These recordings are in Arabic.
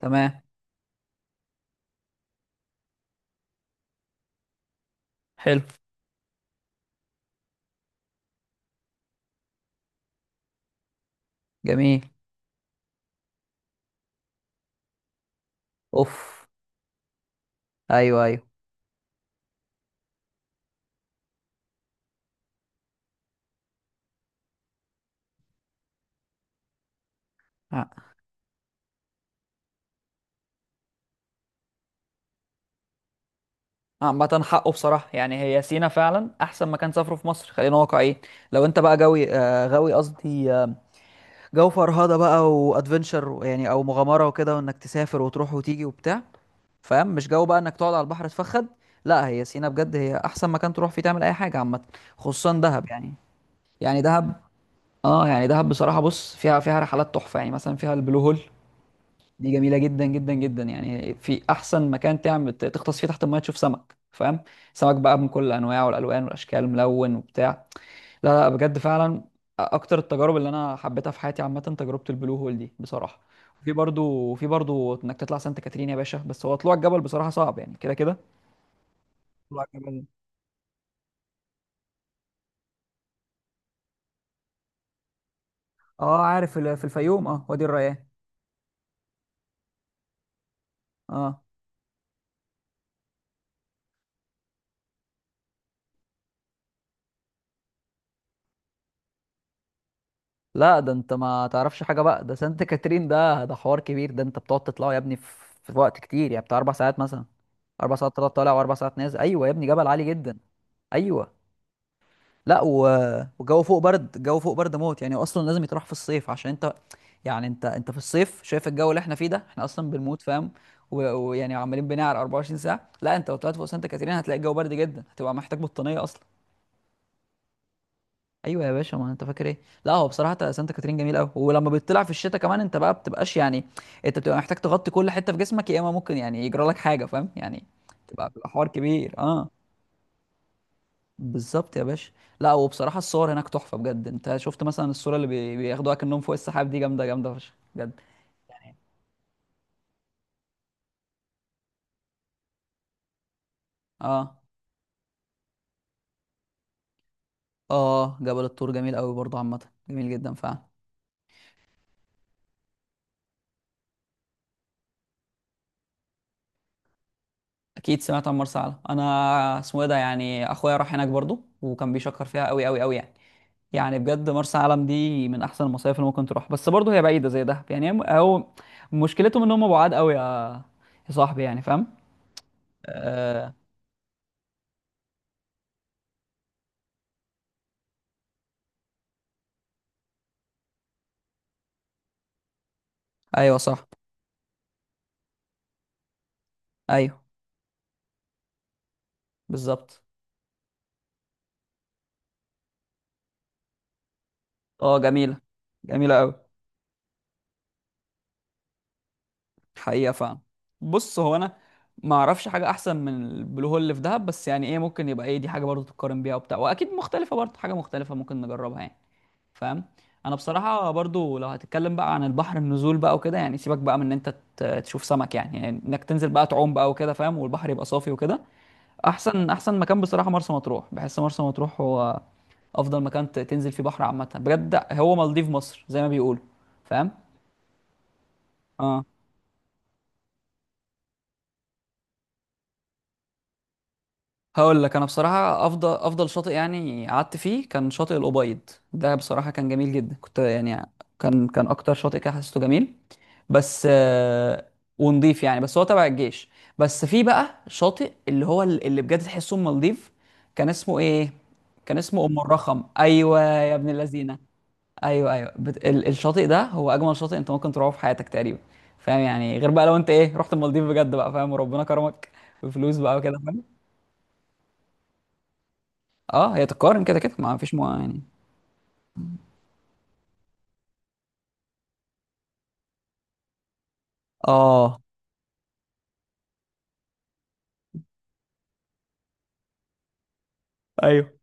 تمام. حلو. جميل. اوف. ايوه، ايوه. ع- عامة حقه بصراحة، يعني هي سينا فعلا أحسن مكان سافره في مصر، خلينا واقعيين. لو أنت بقى جوي غاوي، قصدي جو فرهدة بقى وأدفنشر، يعني أو مغامرة وكده، وإنك تسافر وتروح وتيجي وبتاع، فاهم؟ مش جو بقى إنك تقعد على البحر تفخد. لا، هي سينا بجد هي أحسن مكان تروح فيه تعمل أي حاجة، عامة خصوصا دهب يعني. يعني دهب. اه يعني دهب بصراحة، بص فيها رحلات تحفة، يعني مثلا فيها البلو هول. دي جميله جدا جدا جدا، يعني في احسن مكان تعمل تغطس فيه تحت الميه، تشوف سمك فاهم. سمك بقى من كل انواعه، والالوان والاشكال ملون وبتاع. لا لا، بجد فعلا. اكتر التجارب اللي انا حبيتها في حياتي عامه تجربه البلو هول دي بصراحه. في برضو انك تطلع سانت كاترين يا باشا، بس هو طلوع الجبل بصراحه صعب يعني كده كده. طلوع الجبل. اه عارف في الفيوم، وادي الريان. اه. لا ده انت ما تعرفش حاجه بقى، ده سانت كاترين، ده حوار كبير، ده انت بتقعد تطلعوا يا ابني، في وقت كتير يعني بتاع 4 ساعات مثلا. 4 ساعات طالع، و4 ساعات نازل، ايوه يا ابني، جبل عالي جدا. ايوه. لا و... والجو فوق برد الجو فوق برد موت يعني، اصلا لازم يتراح في الصيف عشان انت، يعني انت في الصيف شايف الجو اللي احنا فيه ده، احنا اصلا بنموت فاهم. ويعني عمالين بنعرق 24 ساعه. لا انت لو طلعت فوق سانت كاترين هتلاقي الجو برد جدا، هتبقى محتاج بطانيه اصلا. ايوه يا باشا، ما انت فاكر ايه؟ لا هو بصراحه سانتا كاترين جميل قوي، ولما بتطلع في الشتاء كمان انت بقى بتبقاش يعني، انت بتبقى محتاج تغطي كل حته في جسمك، يا اما ممكن يعني يجرى لك حاجه فاهم يعني. بيبقى حوار كبير اه. بالظبط يا باشا. لا وبصراحه الصور هناك تحفه بجد، انت شفت مثلا الصوره اللي بياخدوها كأنهم فوق السحاب دي، جامده جامده فشخ بجد. اه. اه جبل الطور جميل قوي برضه عامه، جميل جدا فعلا. اكيد سمعت عن مرسى علم، انا اسمه ايه ده، يعني اخويا راح هناك برضو وكان بيشكر فيها قوي قوي قوي يعني. يعني بجد مرسى علم دي من احسن المصايف اللي ممكن تروح، بس برضو هي بعيده زي دهب يعني، هو مشكلتهم ان هم بعاد قوي يا، يا صاحبي يعني فاهم. آه... ايوه صح. ايوه. بالظبط. اه جميله، جميله قوي، حقيقه فعلا. بص هو انا ما اعرفش حاجه احسن من البلو هول اللي في دهب، بس يعني ايه ممكن يبقى ايه دي حاجه برضو تتقارن بيها وبتاع، واكيد مختلفه برضو، حاجه مختلفه ممكن نجربها يعني فاهم. انا بصراحه برضو لو هتتكلم بقى عن البحر، النزول بقى وكده يعني، سيبك بقى من ان انت تشوف سمك يعني، يعني انك تنزل بقى تعوم بقى وكده فاهم، والبحر يبقى صافي وكده. احسن احسن مكان بصراحه مرسى مطروح، بحس مرسى مطروح هو افضل مكان تنزل فيه بحر عامه، بجد هو مالديف مصر زي ما بيقولوا فاهم. اه. هقول لك انا بصراحه افضل افضل شاطئ يعني قعدت فيه كان شاطئ الابيض. ده بصراحه كان جميل جدا، كنت يعني، كان اكتر شاطئ كده حسيته جميل. بس آه، ونضيف يعني، بس هو تبع الجيش. بس في بقى شاطئ اللي هو اللي بجد تحسه ام مالديف، كان اسمه ايه، كان اسمه ام الرخم، ايوه يا ابن اللذينه. ايوه ايوه الشاطئ ده هو اجمل شاطئ انت ممكن تروحه في حياتك تقريبا، فاهم يعني، غير بقى لو انت ايه رحت المالديف بجد بقى فاهم وربنا كرمك بفلوس بقى وكده. اه هي تتقارن كده كده، ما فيش مو يعني. اه، ايوه.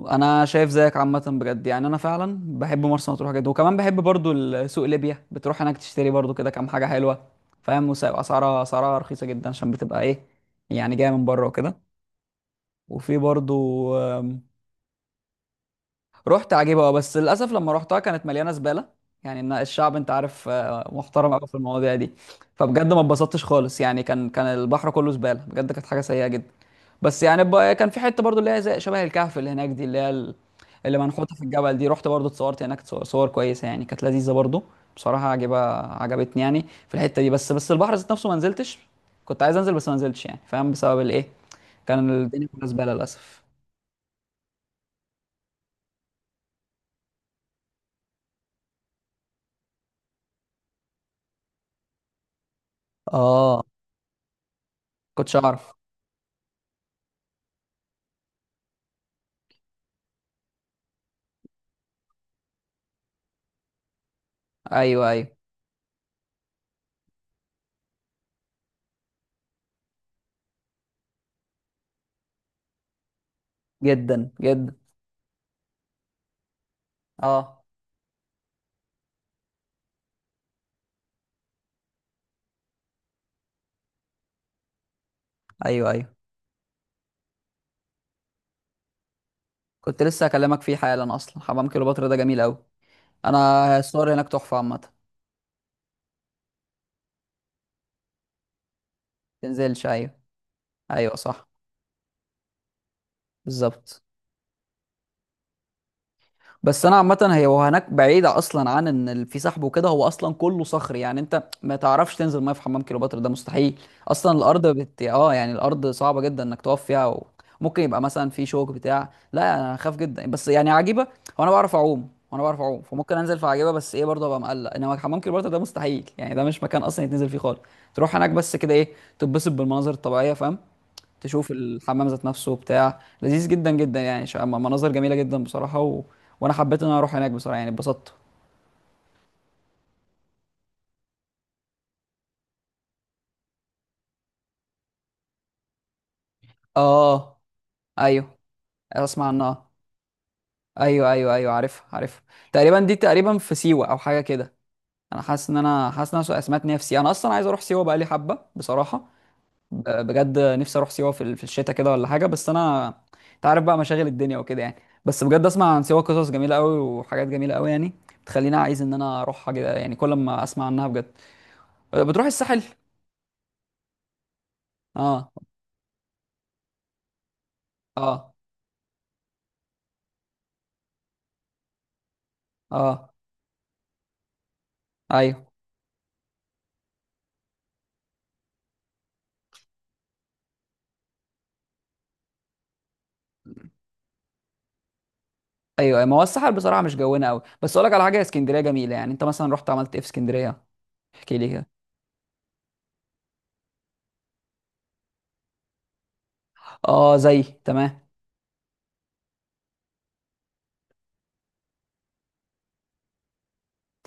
انا شايف زيك عامه بجد يعني، انا فعلا بحب مرسى مطروح جدا، وكمان بحب برضو سوق ليبيا، بتروح هناك تشتري برضو كده كام حاجه حلوه فاهم. اسعارها رخيصه جدا، عشان بتبقى ايه يعني جايه من بره وكده. وفي برضو. رحت عجيبة. اه بس للأسف لما رحتها كانت مليانة زبالة، يعني إن الشعب أنت عارف محترم أوي في المواضيع دي. فبجد ما اتبسطتش خالص يعني، كان البحر كله زبالة بجد، كانت حاجة سيئة جدا. بس يعني كان في حتة برضو اللي هي زي شبه الكهف اللي هناك دي، اللي هي اللي منحوتة في الجبل دي، رحت برضو اتصورت هناك صور، صور كويسة يعني، كانت لذيذة برضو. بصراحة عجبة. عجبتني يعني في الحتة دي. بس البحر ذات نفسه ما نزلتش، كنت عايز أنزل بس ما نزلتش يعني فاهم، بسبب الإيه، كان الدنيا كلها زبالة للأسف. اه. كنتش أعرف. ايوه، ايوه. جدا جدا. اه، ايوه، ايوه. كنت لسه هكلمك فيه حالا، اصلا حمام كليوباترا ده جميل قوي. انا الصور هناك تحفه عامه. تنزلش، ايوه. ايوه صح. بالظبط. بس انا عامه هي وهناك بعيده اصلا عن ان في سحب وكده، هو اصلا كله صخري يعني، انت ما تعرفش تنزل ميه في حمام كليوباترا ده مستحيل، اصلا الارض اه يعني الارض صعبه جدا انك تقف فيها و... ممكن يبقى مثلا في شوك بتاع، لا انا خاف جدا بس يعني عجيبه، وانا بعرف اعوم، فممكن انزل في عجيبه، بس ايه برضه ابقى مقلق، انما حمام كليوباترا ده مستحيل يعني، ده مش مكان اصلا يتنزل فيه خالص. تروح هناك بس كده ايه، تتبسط بالمناظر الطبيعيه فاهم، تشوف الحمام ذات نفسه بتاع لذيذ جدا جدا يعني، مناظر جميله جدا بصراحه و... وانا حبيت ان انا اروح هناك بصراحه، يعني اتبسطت. اه. ايوه اسمع عنها. ايوه ايوه ايوه عارف، عارف. تقريبا دي تقريبا في سيوه او حاجه كده. انا حاسس ان انا، سمعت ان هي في سيوه، انا اصلا عايز اروح سيوه بقالي حبه بصراحه. بجد نفسي اروح سيوه في في الشتاء كده ولا حاجه، بس انا انت عارف بقى مشاغل الدنيا وكده يعني. بس بجد اسمع عن سيوه قصص جميله قوي وحاجات جميله قوي يعني، بتخليني عايز ان انا اروحها كده يعني، كل ما اسمع عنها بجد. بتروح الساحل؟ اه. اه. اه. ايوه. ايوه. أيوه. ما هو الساحل بصراحه مش جونا قوي، بس اقول لك على حاجه، اسكندريه جميله يعني، انت مثلا رحت عملت ايه في اسكندريه؟ احكي لي كده. اه زي تمام.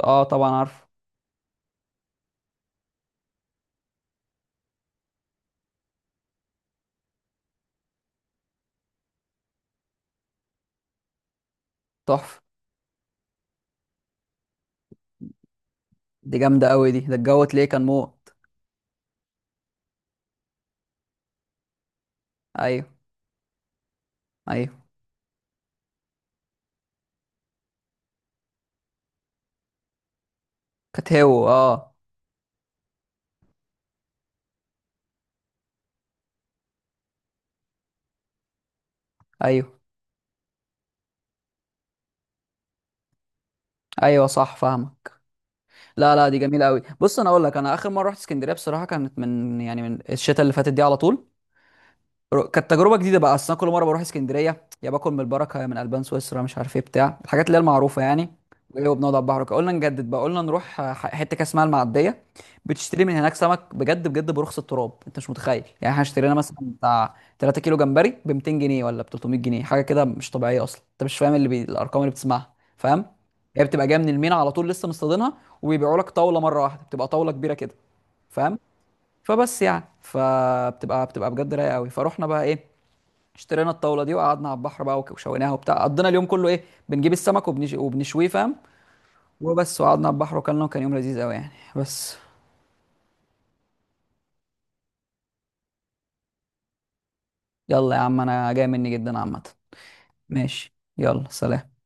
اه طبعا عارف. تحفه. دي جامده قوي دي، ده الجو تلاقيه كان موت. ايوه، ايوه. كانت هو اه. ايوه، ايوه صح فاهمك. لا لا، دي جميله قوي، بص انا اقول لك، انا اخر مره رحت اسكندريه بصراحه كانت من، يعني من الشتاء اللي فاتت دي على طول. كانت تجربه جديده بقى، اصل انا كل مره بروح اسكندريه يا باكل من البركه يا من البان سويسرا، مش عارف ايه بتاع الحاجات اللي هي المعروفه يعني. وايه، وبنقعد على البحر وكده. قلنا نجدد بقى، قلنا نروح حته كده اسمها المعديه، بتشتري من هناك سمك بجد بجد برخص التراب، انت مش متخيل يعني. احنا اشترينا مثلا بتاع 3 كيلو جمبري ب 200 جنيه ولا ب 300 جنيه، حاجه كده مش طبيعيه اصلا، انت مش فاهم اللي الارقام اللي بتسمعها فاهم. هي بتبقى جايه من المينا على طول لسه مصطادينها، وبيبيعوا لك طاوله مره واحده، بتبقى طاوله كبيره كده فاهم. فبس يعني فبتبقى بجد رايقه قوي، فروحنا بقى ايه، اشترينا الطاوله دي وقعدنا على البحر بقى، وشويناها وبتاع، قضينا اليوم كله ايه، بنجيب السمك وبنشويه فاهم، وبس، وقعدنا على البحر وكلنا وكان يوم لذيذ قوي يعني بس. يلا يا عم انا جاي مني جدا عامه. ماشي، يلا سلام.